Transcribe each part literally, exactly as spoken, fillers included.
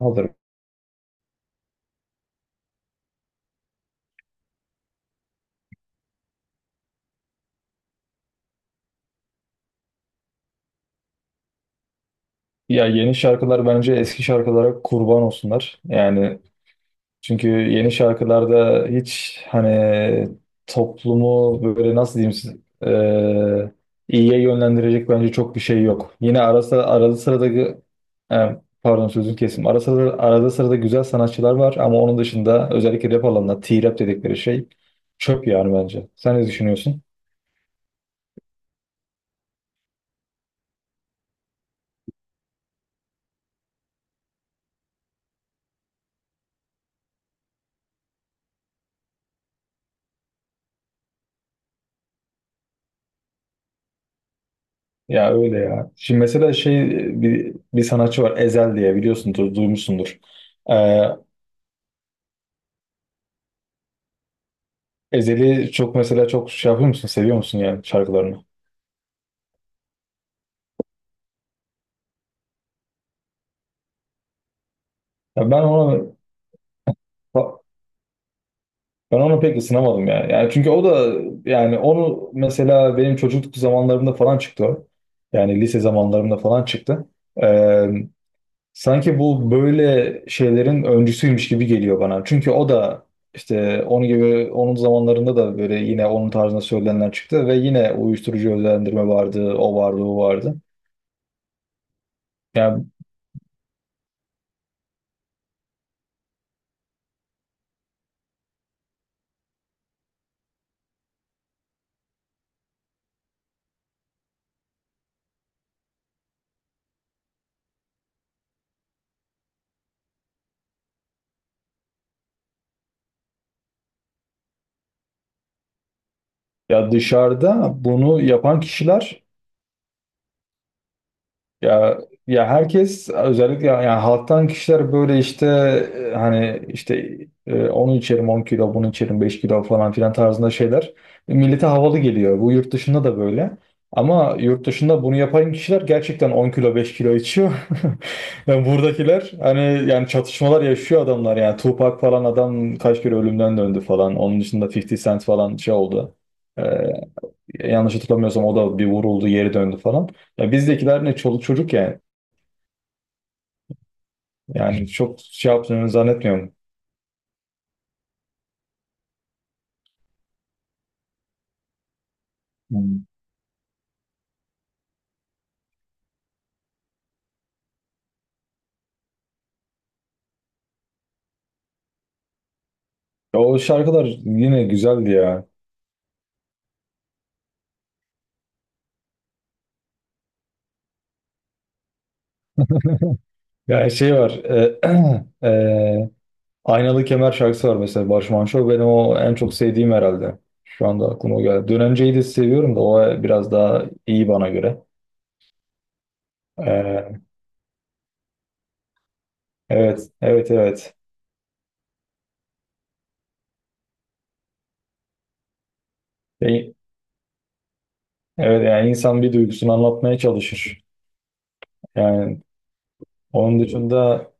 Alırım. Ya yeni şarkılar bence eski şarkılara kurban olsunlar. Yani çünkü yeni şarkılarda hiç hani toplumu böyle nasıl diyeyim size, eee, iyiye yönlendirecek bence çok bir şey yok. Yine arası arada sırada gı- e, pardon sözünü kesim. Arada sırada, arada sırada güzel sanatçılar var ama onun dışında özellikle rap alanında T-rap dedikleri şey çöp yani bence. Sen ne düşünüyorsun? Ya öyle ya. Şimdi mesela şey bir, bir sanatçı var Ezel diye biliyorsundur, duymuşsundur. Ee, Ezel'i çok mesela çok şey yapıyor musun, seviyor musun yani şarkılarını? Ya ben onu ben onu pek ısınamadım ya. Yani çünkü o da yani onu mesela benim çocukluk zamanlarımda falan çıktı o. Yani lise zamanlarımda falan çıktı. Ee, Sanki bu böyle şeylerin öncüsüymüş gibi geliyor bana. Çünkü o da işte onun gibi onun zamanlarında da böyle yine onun tarzında söylenenler çıktı ve yine uyuşturucu özendirme vardı, o vardı, o vardı. Yani ya dışarıda bunu yapan kişiler Ya ya herkes özellikle yani halktan kişiler böyle işte e, hani işte e, onu içerim on kilo bunu içerim beş kilo falan filan tarzında şeyler e, millete havalı geliyor. Bu yurt dışında da böyle. Ama yurt dışında bunu yapan kişiler gerçekten on kilo beş kilo içiyor. Yani buradakiler hani yani çatışmalar yaşıyor adamlar yani Tupac falan adam kaç kere ölümden döndü falan. Onun dışında elli Cent falan şey oldu. E, Yanlış hatırlamıyorsam o da bir vuruldu, geri döndü falan. Ya bizdekiler ne çoluk çocuk yani. Yani çok şey yaptığını zannetmiyorum. Hmm. Ya o şarkılar yine güzeldi ya. Ya şey var. E, e, Aynalı Kemer şarkısı var mesela Barış Manço. Benim o en çok sevdiğim herhalde. Şu anda aklıma o geldi. Dönence'yi de seviyorum da o biraz daha iyi bana göre. E, evet, evet, evet. E, evet yani insan bir duygusunu anlatmaya çalışır. Yani onun dışında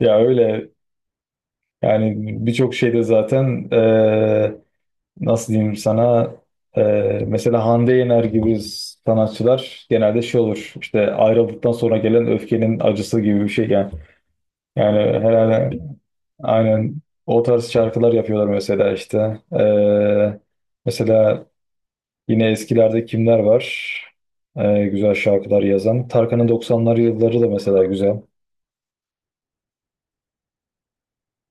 ya öyle yani birçok şeyde zaten eee, nasıl diyeyim sana, eee, mesela Hande Yener gibi sanatçılar genelde şey olur işte ayrıldıktan sonra gelen öfkenin acısı gibi bir şey yani. Yani herhalde aynen o tarz şarkılar yapıyorlar mesela işte. Eee, mesela yine eskilerde kimler var? Eee, güzel şarkılar yazan. Tarkan'ın doksanlar yılları da mesela güzel.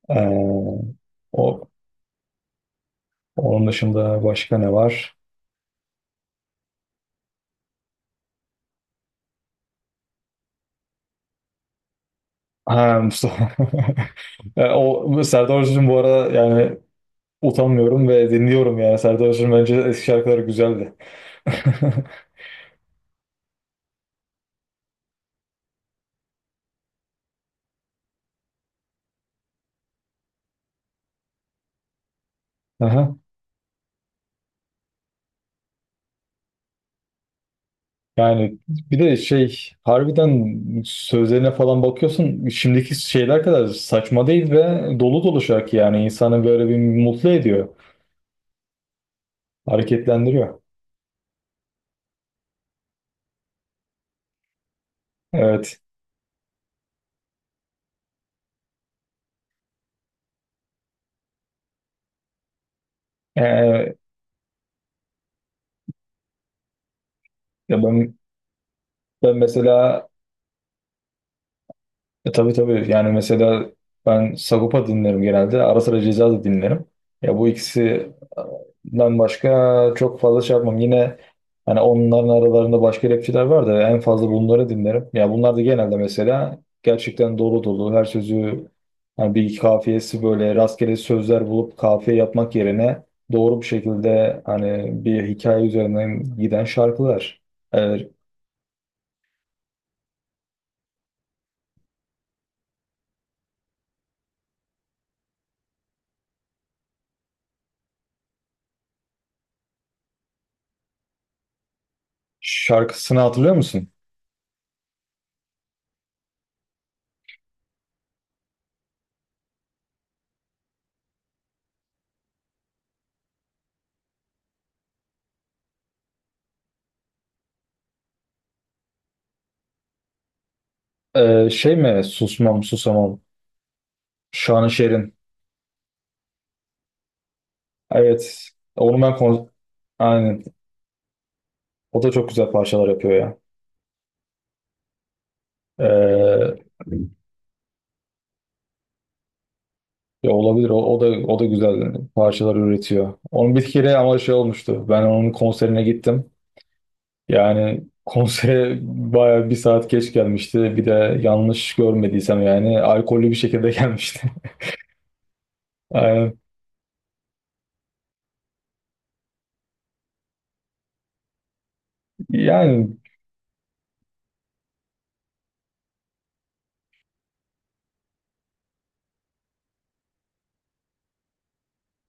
Eee, o, onun dışında başka ne var? Ha, Mustafa. Yani o Serdar Özcan'ın bu ara yani utanmıyorum ve dinliyorum yani. Serdar Özcan bence eski şarkıları güzeldi. Aha. Yani bir de şey harbiden sözlerine falan bakıyorsun şimdiki şeyler kadar saçma değil ve dolu dolu şarkı yani insanı böyle bir mutlu ediyor, hareketlendiriyor. Evet. Ee, ya ben ben mesela E, tabii tabii yani mesela ben Sagopa dinlerim genelde. Ara sıra Ceza da dinlerim. Ya bu ikisinden başka çok fazla şey yapmam. Yine hani onların aralarında başka rapçiler var da en fazla bunları dinlerim. Ya bunlar da genelde mesela gerçekten dolu dolu her sözü hani bir iki kafiyesi böyle rastgele sözler bulup kafiye yapmak yerine doğru bir şekilde hani bir hikaye üzerinden giden şarkılar. E, şarkısını hatırlıyor musun? Ee, şey mi susmam susamam Şanışer'in. Evet. Onu ben kon- Aynen. O da çok güzel parçalar yapıyor ya. Ee, ya olabilir. O, o da o da güzel parçalar üretiyor. Onun bir kere ama şey olmuştu. Ben onun konserine gittim. Yani konsere bayağı bir saat geç gelmişti. Bir de yanlış görmediysem yani alkollü bir şekilde gelmişti. Aynen. Yani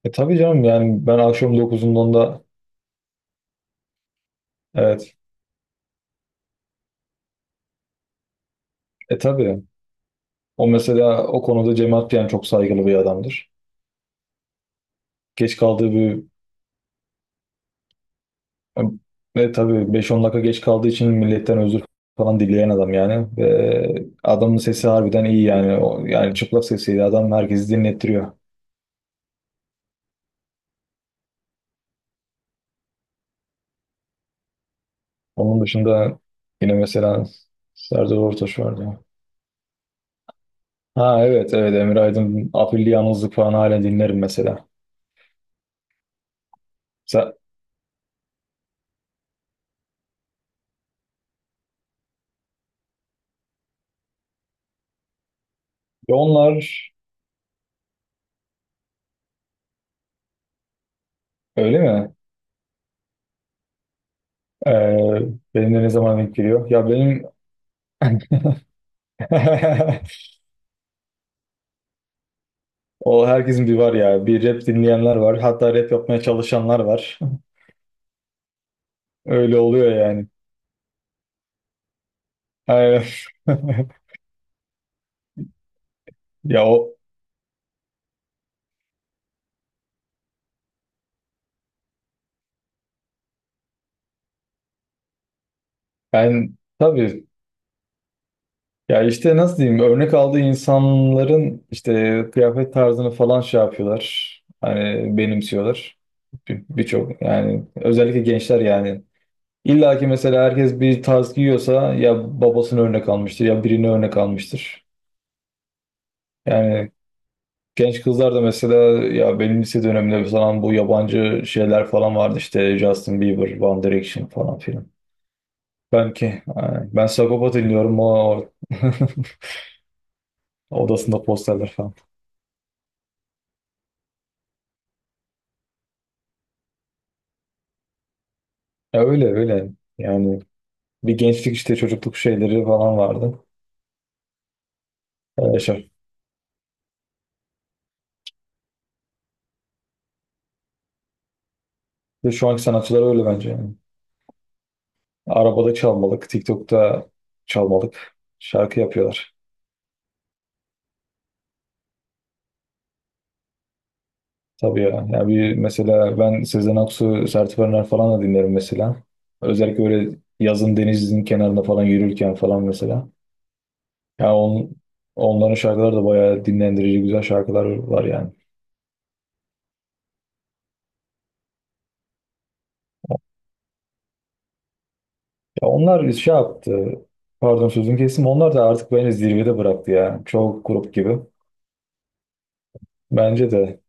e, tabii canım yani ben akşam dokuzundan da evet. E tabii. O mesela o konuda Cem Atlayan çok saygılı bir adamdır. Geç kaldığı bir ve tabii beş on dakika geç kaldığı için milletten özür falan dileyen adam yani. Ve adamın sesi harbiden iyi yani. O, yani çıplak sesiyle adam herkesi dinlettiriyor. Onun dışında yine mesela Serdar Ortaç vardı. Ha evet evet Emre Aydın Afilli Yalnızlık falan hala dinlerim mesela. Sen, ve onlar öyle mi? Ee, benim de ne zaman denk geliyor? Ya benim O herkesin bir var ya. Bir rap dinleyenler var. Hatta rap yapmaya çalışanlar var. Öyle oluyor yani. Aynen. Ya o ben tabii ya işte nasıl diyeyim örnek aldığı insanların işte kıyafet tarzını falan şey yapıyorlar. Hani benimsiyorlar. Bir- Birçok yani özellikle gençler yani. İlla ki mesela herkes bir tarz giyiyorsa ya babasını örnek almıştır ya birini örnek almıştır. Yani genç kızlar da mesela ya benim lise döneminde falan bu yabancı şeyler falan vardı işte Justin Bieber, One Direction falan filan. Belki. Aynen. Ben Sagopa dinliyorum. O odasında posterler falan. Ya öyle öyle. Yani bir gençlik işte çocukluk şeyleri falan vardı. Ee, şey. Ve şu anki sanatçılar öyle bence. Yani. Arabada çalmalık, TikTok'ta çalmalık şarkı yapıyorlar. Tabii ya. Ya bir mesela ben Sezen Aksu, Sertab Erener falan da dinlerim mesela. Özellikle öyle yazın denizin kenarında falan yürürken falan mesela. Ya on, onların şarkıları da bayağı dinlendirici güzel şarkılar var yani. Ya onlar şey yaptı. Pardon sözünü kestim. Onlar da artık bence zirvede bıraktı ya. Çoğu grup gibi. Bence de.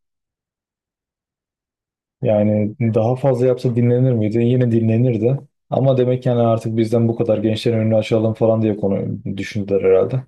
Yani daha fazla yapsa dinlenir miydi? Yine dinlenirdi. Ama demek yani artık bizden bu kadar gençlerin önünü açalım falan diye konu düşündüler herhalde.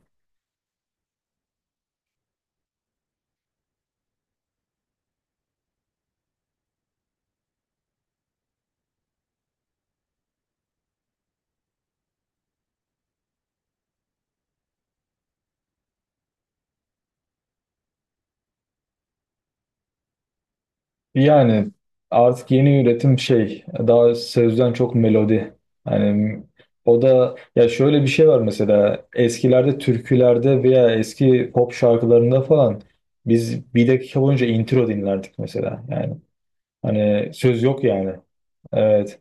Yani artık yeni üretim şey daha sözden çok melodi. Yani o da ya şöyle bir şey var mesela eskilerde türkülerde veya eski pop şarkılarında falan biz bir dakika boyunca intro dinlerdik mesela. Yani hani söz yok yani. Evet.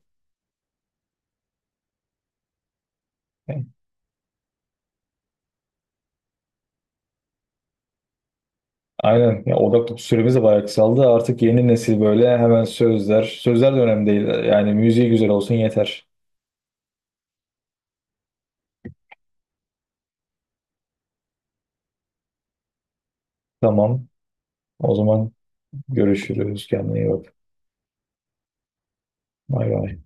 Aynen. Ya odak süremiz de bayağı kısaldı. Artık yeni nesil böyle hemen sözler. Sözler de önemli değil. Yani müziği güzel olsun yeter. Tamam. O zaman görüşürüz. Kendine iyi bak. Bay bay.